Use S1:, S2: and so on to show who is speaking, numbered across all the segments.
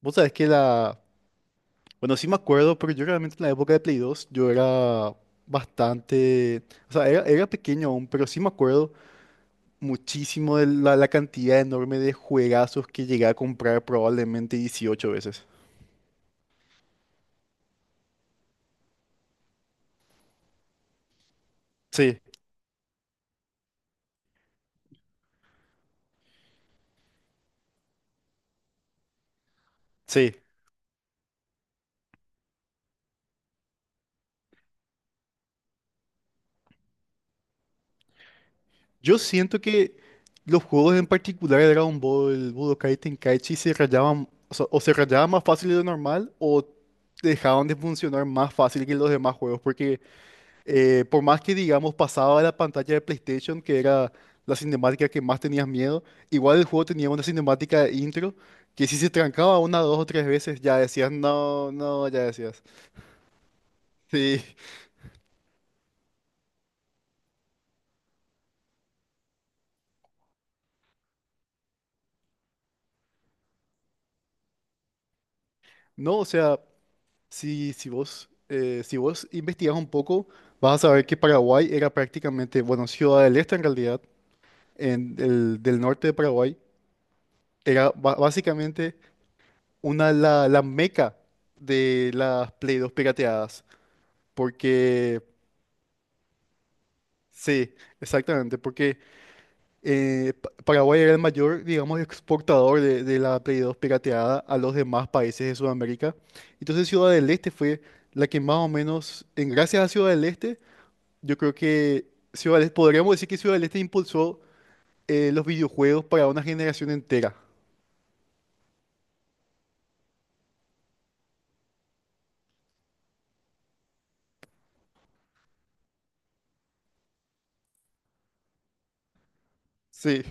S1: Vos sabés que la... Bueno, sí me acuerdo, pero yo realmente en la época de Play 2 yo era bastante... o sea, era pequeño aún, pero sí me acuerdo muchísimo de la cantidad enorme de juegazos que llegué a comprar probablemente 18 veces. Sí, sí. Yo siento que los juegos en particular de Dragon Ball, Budokai Tenkaichi se rayaban, o sea, o se rayaban más fácil de lo normal o dejaban de funcionar más fácil que los demás juegos porque por más que, digamos, pasaba la pantalla de PlayStation, que era la cinemática que más tenías miedo. Igual el juego tenía una cinemática de intro que, si se trancaba una, dos o tres veces, ya decías, no, no, ya decías. Sí, no, o sea, si vos investigas un poco, vas a saber que Paraguay era prácticamente, bueno, Ciudad del Este en realidad, del norte de Paraguay, era básicamente la meca de las Play 2 pirateadas, porque... Sí, exactamente, porque Paraguay era el mayor, digamos, exportador de, la Play 2 pirateada a los demás países de Sudamérica. Entonces Ciudad del Este fue la que más o menos, en gracias a Ciudad del Este, yo creo que Ciudad del Este, podríamos decir que Ciudad del Este impulsó los videojuegos para una generación entera. Sí,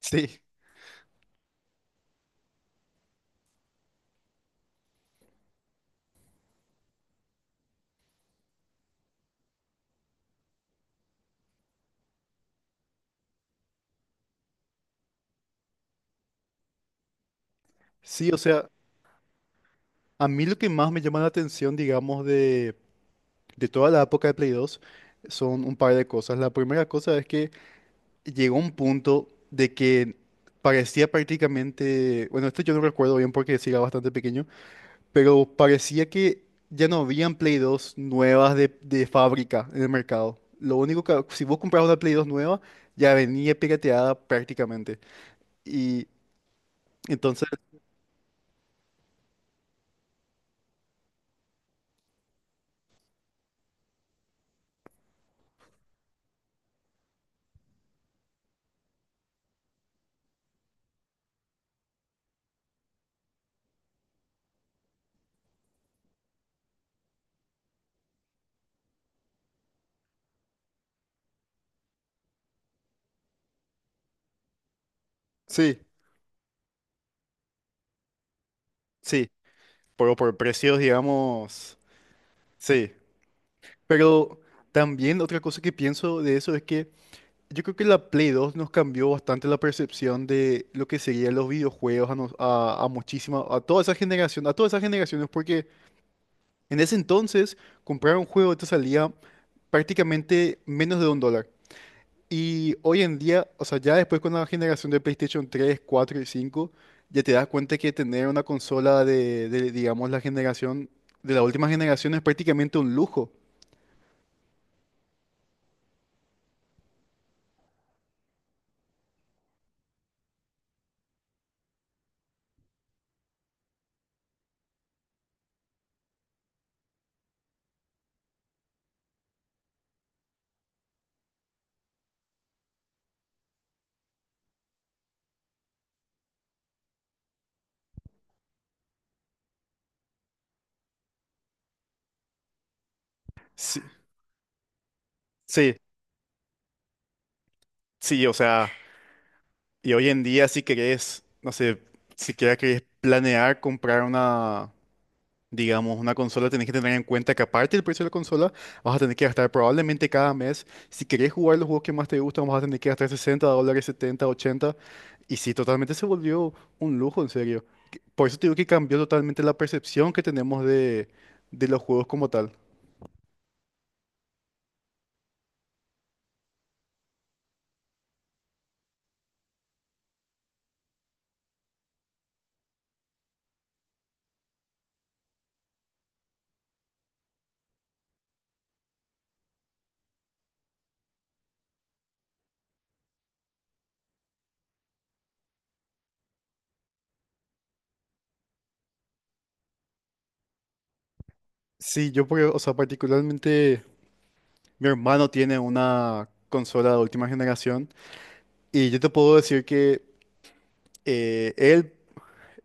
S1: sí, sí, o sea, a mí lo que más me llama la atención, digamos, de, toda la época de Play 2 son un par de cosas. La primera cosa es que llegó un punto de que parecía prácticamente, bueno, esto yo no recuerdo bien porque sí era bastante pequeño, pero parecía que ya no habían Play 2 nuevas de fábrica en el mercado. Lo único que, si vos comprabas una Play 2 nueva, ya venía pirateada prácticamente. Y entonces, sí, sí, pero por precios, digamos, sí. Pero también otra cosa que pienso de eso es que yo creo que la Play 2 nos cambió bastante la percepción de lo que serían los videojuegos a muchísima, a toda esa generación, a todas esas generaciones, porque en ese entonces comprar un juego te salía prácticamente menos de $1. Y hoy en día, o sea, ya después con la generación de PlayStation 3, 4 y 5, ya te das cuenta que tener una consola digamos, de la última generación, es prácticamente un lujo. Sí, sí, sí, o sea, y hoy en día, si querés, no sé, si querés planear comprar una, digamos, una consola, tenés que tener en cuenta que, aparte del precio de la consola, vas a tener que gastar probablemente cada mes. Si querés jugar los juegos que más te gustan, vas a tener que gastar $60, 70, 80. Y sí, totalmente se volvió un lujo, en serio. Por eso te digo que cambió totalmente la percepción que tenemos de, los juegos como tal. Sí, o sea, particularmente mi hermano tiene una consola de última generación y yo te puedo decir que eh, él,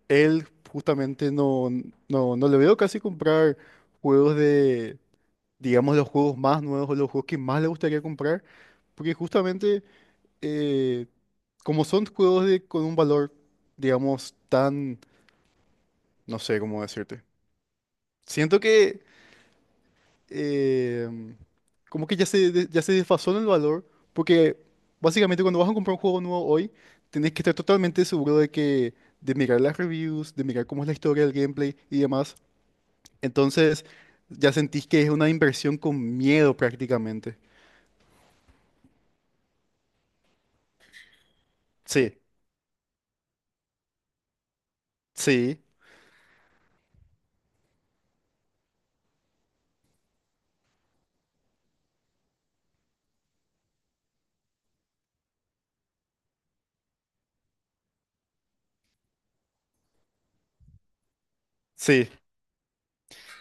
S1: él justamente no le veo casi comprar juegos de, digamos, los juegos más nuevos o los juegos que más le gustaría comprar, porque justamente eh, como son juegos de, con un valor, digamos, tan, no sé cómo decirte. Siento que eh, como que ya se desfasó en el valor, porque básicamente cuando vas a comprar un juego nuevo hoy, tenés que estar totalmente seguro de, que, de mirar las reviews, de mirar cómo es la historia del gameplay y demás. Entonces, ya sentís que es una inversión con miedo prácticamente. Sí, sí, sí.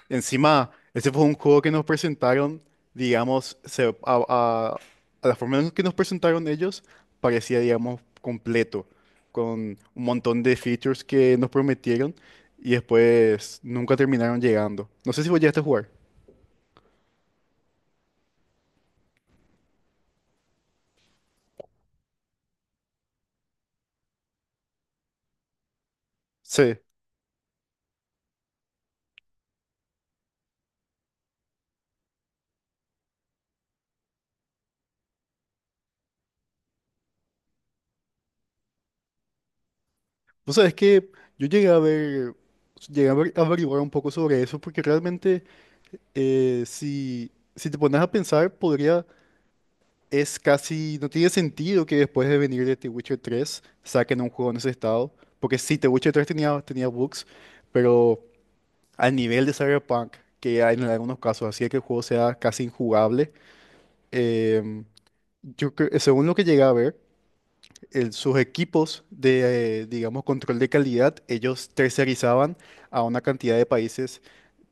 S1: Encima, ese fue un juego que nos presentaron, digamos, a la forma en que nos presentaron ellos, parecía, digamos, completo, con un montón de features que nos prometieron y después nunca terminaron llegando. No sé si vos llegaste a jugar. Sí. Vos sabés que yo llegué a ver, a averiguar un poco sobre eso, porque realmente, eh, si, si te pones a pensar, podría. Es casi, no tiene sentido que después de venir de The Witcher 3 saquen un juego en ese estado, porque sí, The Witcher 3 tenía bugs, pero al nivel de Cyberpunk, que hay en algunos casos hacía que el juego sea casi injugable, em, según lo que llegué a ver, sus equipos de, digamos, control de calidad, ellos tercerizaban a una cantidad de países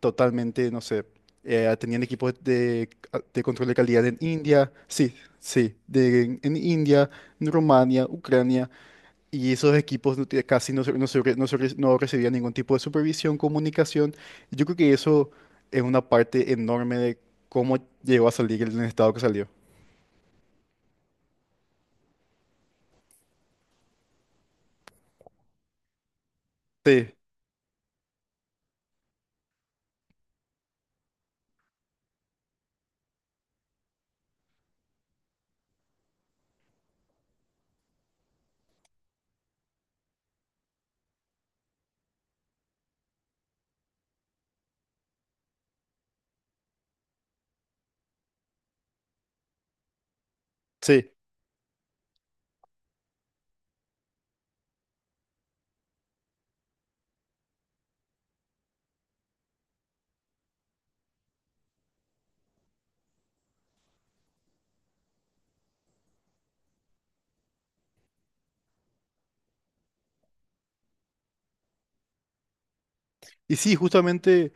S1: totalmente, no sé, tenían equipos de, control de calidad en India, sí, sí, en India, en Rumania, Ucrania, y esos equipos no recibían ningún tipo de supervisión, comunicación. Yo creo que eso es una parte enorme de cómo llegó a salir el estado que salió. Sí, sí. Y sí, justamente...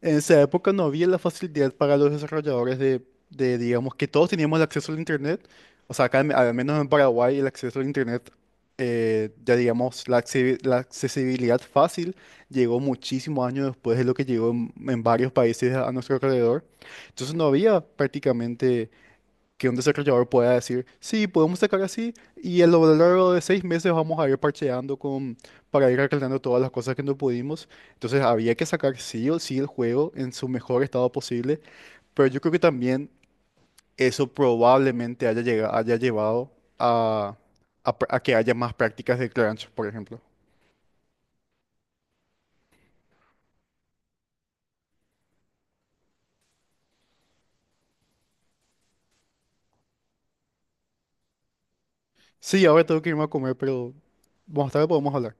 S1: En esa época no había la facilidad para los desarrolladores de, digamos, que todos teníamos el acceso al Internet. O sea, acá, al menos en Paraguay, el acceso al Internet, ya digamos, la accesibilidad fácil, llegó muchísimos años después de lo que llegó en varios países a nuestro alrededor. Entonces no había prácticamente que un desarrollador pueda decir, sí, podemos sacar así y a lo largo de 6 meses vamos a ir parcheando, con, para ir arreglando todas las cosas que no pudimos. Entonces había que sacar sí o sí el juego en su mejor estado posible, pero yo creo que también eso probablemente haya llevado a, a que haya más prácticas de crunch, por ejemplo. Sí, ahora tengo que irme a comer, pero más tarde podemos hablar.